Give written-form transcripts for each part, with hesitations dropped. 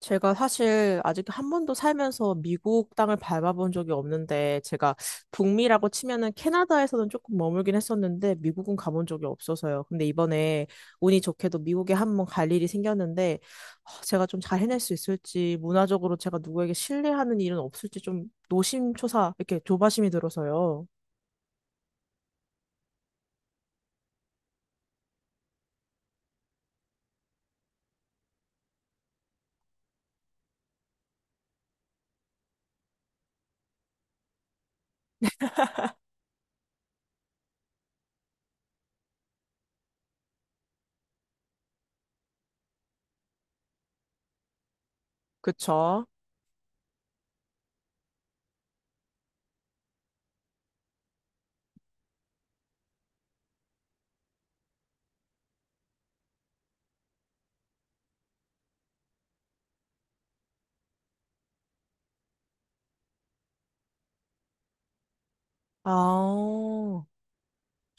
제가 사실 아직 한 번도 살면서 미국 땅을 밟아본 적이 없는데, 제가 북미라고 치면은 캐나다에서는 조금 머물긴 했었는데, 미국은 가본 적이 없어서요. 근데 이번에 운이 좋게도 미국에 한 번 갈 일이 생겼는데, 제가 좀 잘 해낼 수 있을지, 문화적으로 제가 누구에게 신뢰하는 일은 없을지 좀 노심초사, 이렇게 조바심이 들어서요. 그쵸? 아.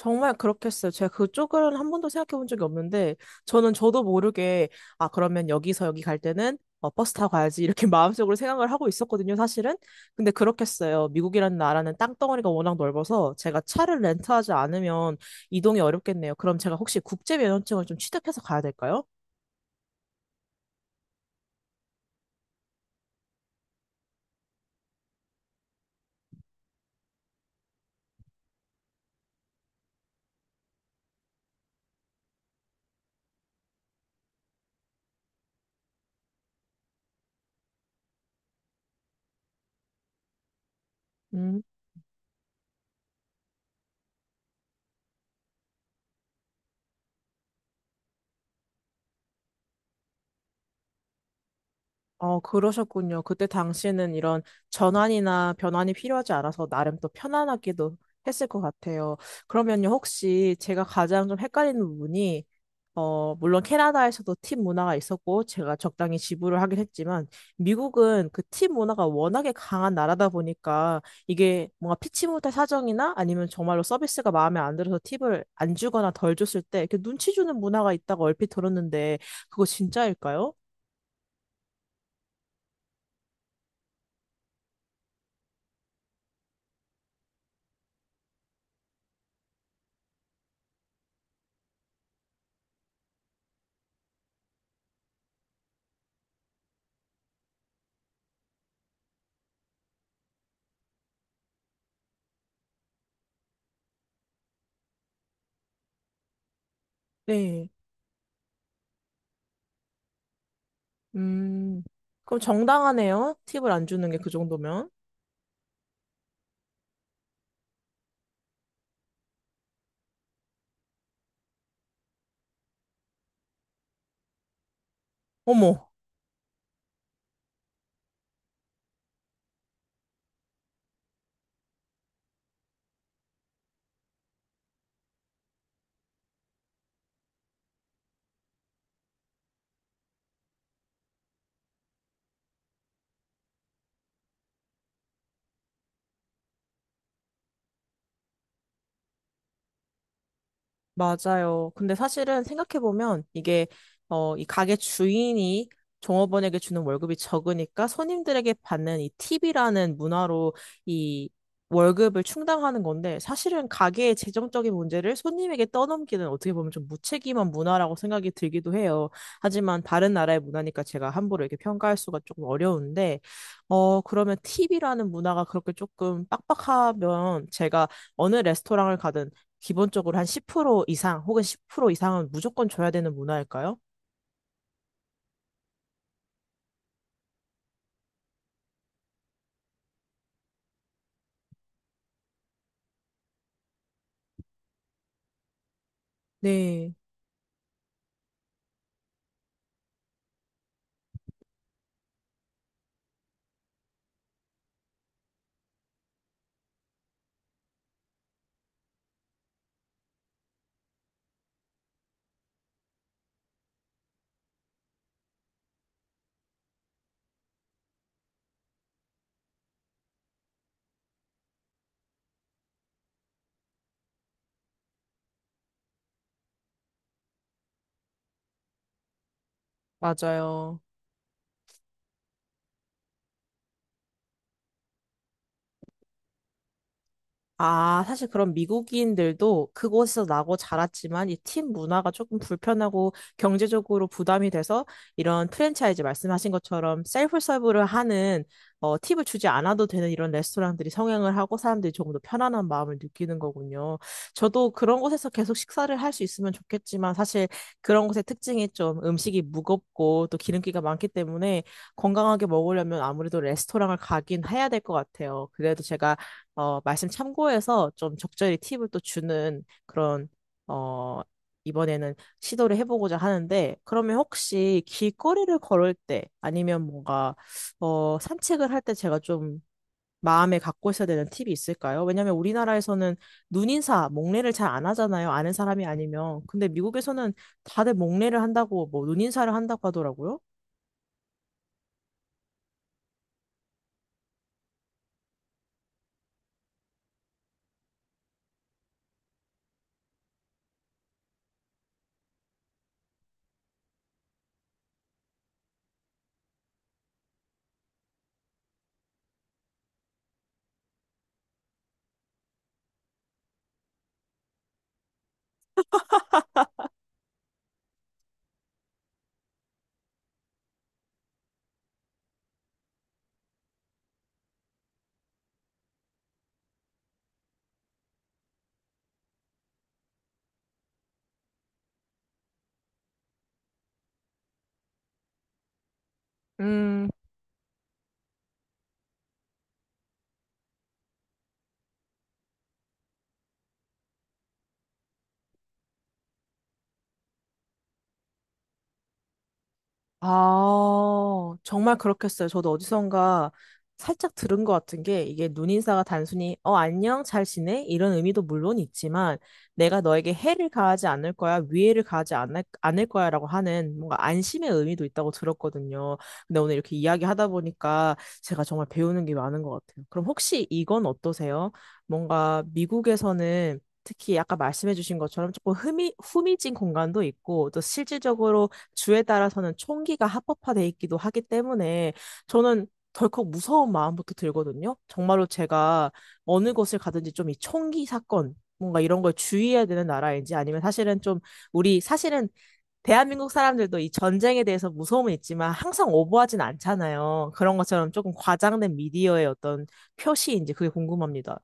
정말 그렇겠어요. 제가 그쪽은 한 번도 생각해 본 적이 없는데, 저는 저도 모르게, 그러면 여기서 여기 갈 때는 버스 타고 가야지, 이렇게 마음속으로 생각을 하고 있었거든요, 사실은. 근데 그렇겠어요. 미국이라는 나라는 땅덩어리가 워낙 넓어서 제가 차를 렌트하지 않으면 이동이 어렵겠네요. 그럼 제가 혹시 국제면허증을 좀 취득해서 가야 될까요? 음. 그러셨군요. 그때 당시에는 이런 전환이나 변환이 필요하지 않아서 나름 또 편안하기도 했을 것 같아요. 그러면요, 혹시 제가 가장 좀 헷갈리는 부분이, 물론 캐나다에서도 팀 문화가 있었고, 제가 적당히 지불을 하긴 했지만, 미국은 그 팀 문화가 워낙에 강한 나라다 보니까, 이게 뭔가 피치 못할 사정이나 아니면 정말로 서비스가 마음에 안 들어서 팁을 안 주거나 덜 줬을 때, 이렇게 눈치 주는 문화가 있다고 얼핏 들었는데, 그거 진짜일까요? 네. 음, 그럼 정당하네요. 팁을 안 주는 게 그 정도면. 어머, 맞아요. 근데 사실은 생각해보면 이게, 이 가게 주인이 종업원에게 주는 월급이 적으니까 손님들에게 받는 이 팁이라는 문화로 이 월급을 충당하는 건데 사실은 가게의 재정적인 문제를 손님에게 떠넘기는 어떻게 보면 좀 무책임한 문화라고 생각이 들기도 해요. 하지만 다른 나라의 문화니까 제가 함부로 이렇게 평가할 수가 조금 어려운데, 그러면 팁이라는 문화가 그렇게 조금 빡빡하면 제가 어느 레스토랑을 가든 기본적으로 한 10% 이상 혹은 10% 이상은 무조건 줘야 되는 문화일까요? 네, 맞아요. 아, 사실 그런 미국인들도 그곳에서 나고 자랐지만 이 팀 문화가 조금 불편하고 경제적으로 부담이 돼서 이런 프랜차이즈 말씀하신 것처럼 셀프 서브를 하는 팁을 주지 않아도 되는 이런 레스토랑들이 성행을 하고 사람들이 조금 더 편안한 마음을 느끼는 거군요. 저도 그런 곳에서 계속 식사를 할 수 있으면 좋겠지만 사실 그런 곳의 특징이 좀 음식이 무겁고 또 기름기가 많기 때문에 건강하게 먹으려면 아무래도 레스토랑을 가긴 해야 될 것 같아요. 그래도 제가 말씀 참고해서 좀 적절히 팁을 또 주는 그런, 어, 이번에는 시도를 해보고자 하는데, 그러면 혹시 길거리를 걸을 때 아니면 뭔가, 산책을 할 때 제가 좀 마음에 갖고 있어야 되는 팁이 있을까요? 왜냐면 우리나라에서는 눈인사, 목례를 잘 안 하잖아요. 아는 사람이 아니면. 근데 미국에서는 다들 목례를 한다고, 뭐, 눈인사를 한다고 하더라고요. 음, 아, 정말 그렇겠어요. 저도 어디선가 살짝 들은 것 같은 게 이게 눈인사가 단순히 안녕, 잘 지내? 이런 의미도 물론 있지만 내가 너에게 해를 가하지 않을 거야, 위해를 가하지 않을, 않을 거야라고 하는 뭔가 안심의 의미도 있다고 들었거든요. 근데 오늘 이렇게 이야기하다 보니까 제가 정말 배우는 게 많은 것 같아요. 그럼 혹시 이건 어떠세요? 뭔가 미국에서는 특히 아까 말씀해주신 것처럼 조금 흠이, 후미진 공간도 있고 또 실질적으로 주에 따라서는 총기가 합법화돼 있기도 하기 때문에 저는 덜컥 무서운 마음부터 들거든요. 정말로 제가 어느 곳을 가든지 좀 이 총기 사건 뭔가 이런 걸 주의해야 되는 나라인지 아니면 사실은 좀 우리 사실은 대한민국 사람들도 이 전쟁에 대해서 무서움은 있지만 항상 오버하진 않잖아요. 그런 것처럼 조금 과장된 미디어의 어떤 표시인지 그게 궁금합니다.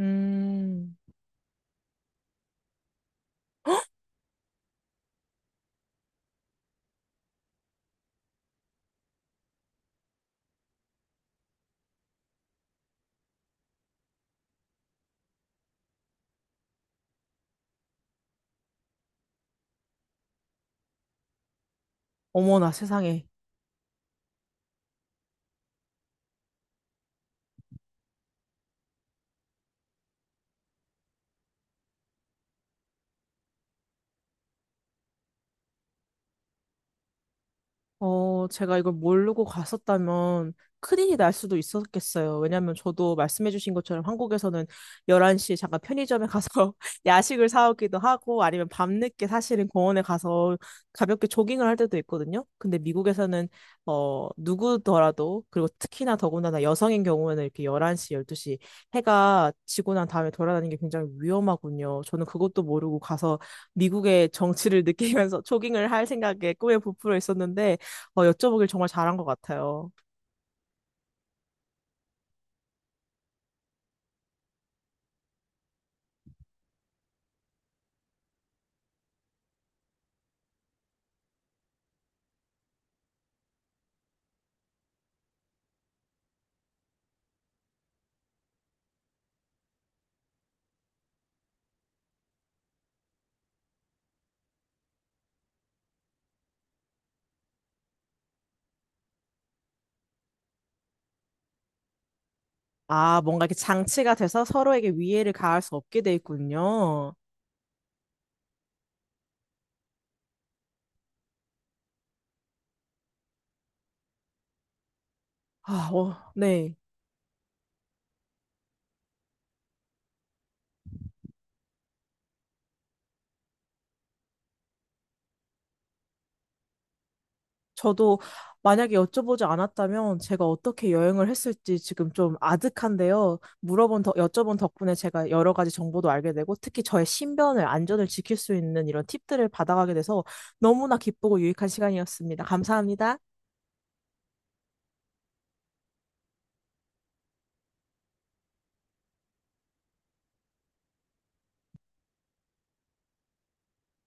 음. 어머나 세상에. 제가 이걸 모르고 갔었다면 큰일이 날 수도 있었겠어요. 왜냐면 저도 말씀해주신 것처럼 한국에서는 11시에 잠깐 편의점에 가서 야식을 사오기도 하고 아니면 밤늦게 사실은 공원에 가서 가볍게 조깅을 할 때도 있거든요. 근데 미국에서는 누구더라도 그리고 특히나 더군다나 여성인 경우에는 이렇게 11시, 12시 해가 지고 난 다음에 돌아다니는 게 굉장히 위험하군요. 저는 그것도 모르고 가서 미국의 정치를 느끼면서 조깅을 할 생각에 꿈에 부풀어 있었는데 여쭤보길 정말 잘한 것 같아요. 아, 뭔가 이렇게 장치가 돼서 서로에게 위해를 가할 수 없게 돼 있군요. 아, 어, 네. 저도 만약에 여쭤보지 않았다면 제가 어떻게 여행을 했을지 지금 좀 아득한데요. 물어본 더, 여쭤본 덕분에 제가 여러 가지 정보도 알게 되고 특히 저의 신변을, 안전을 지킬 수 있는 이런 팁들을 받아가게 돼서 너무나 기쁘고 유익한 시간이었습니다. 감사합니다.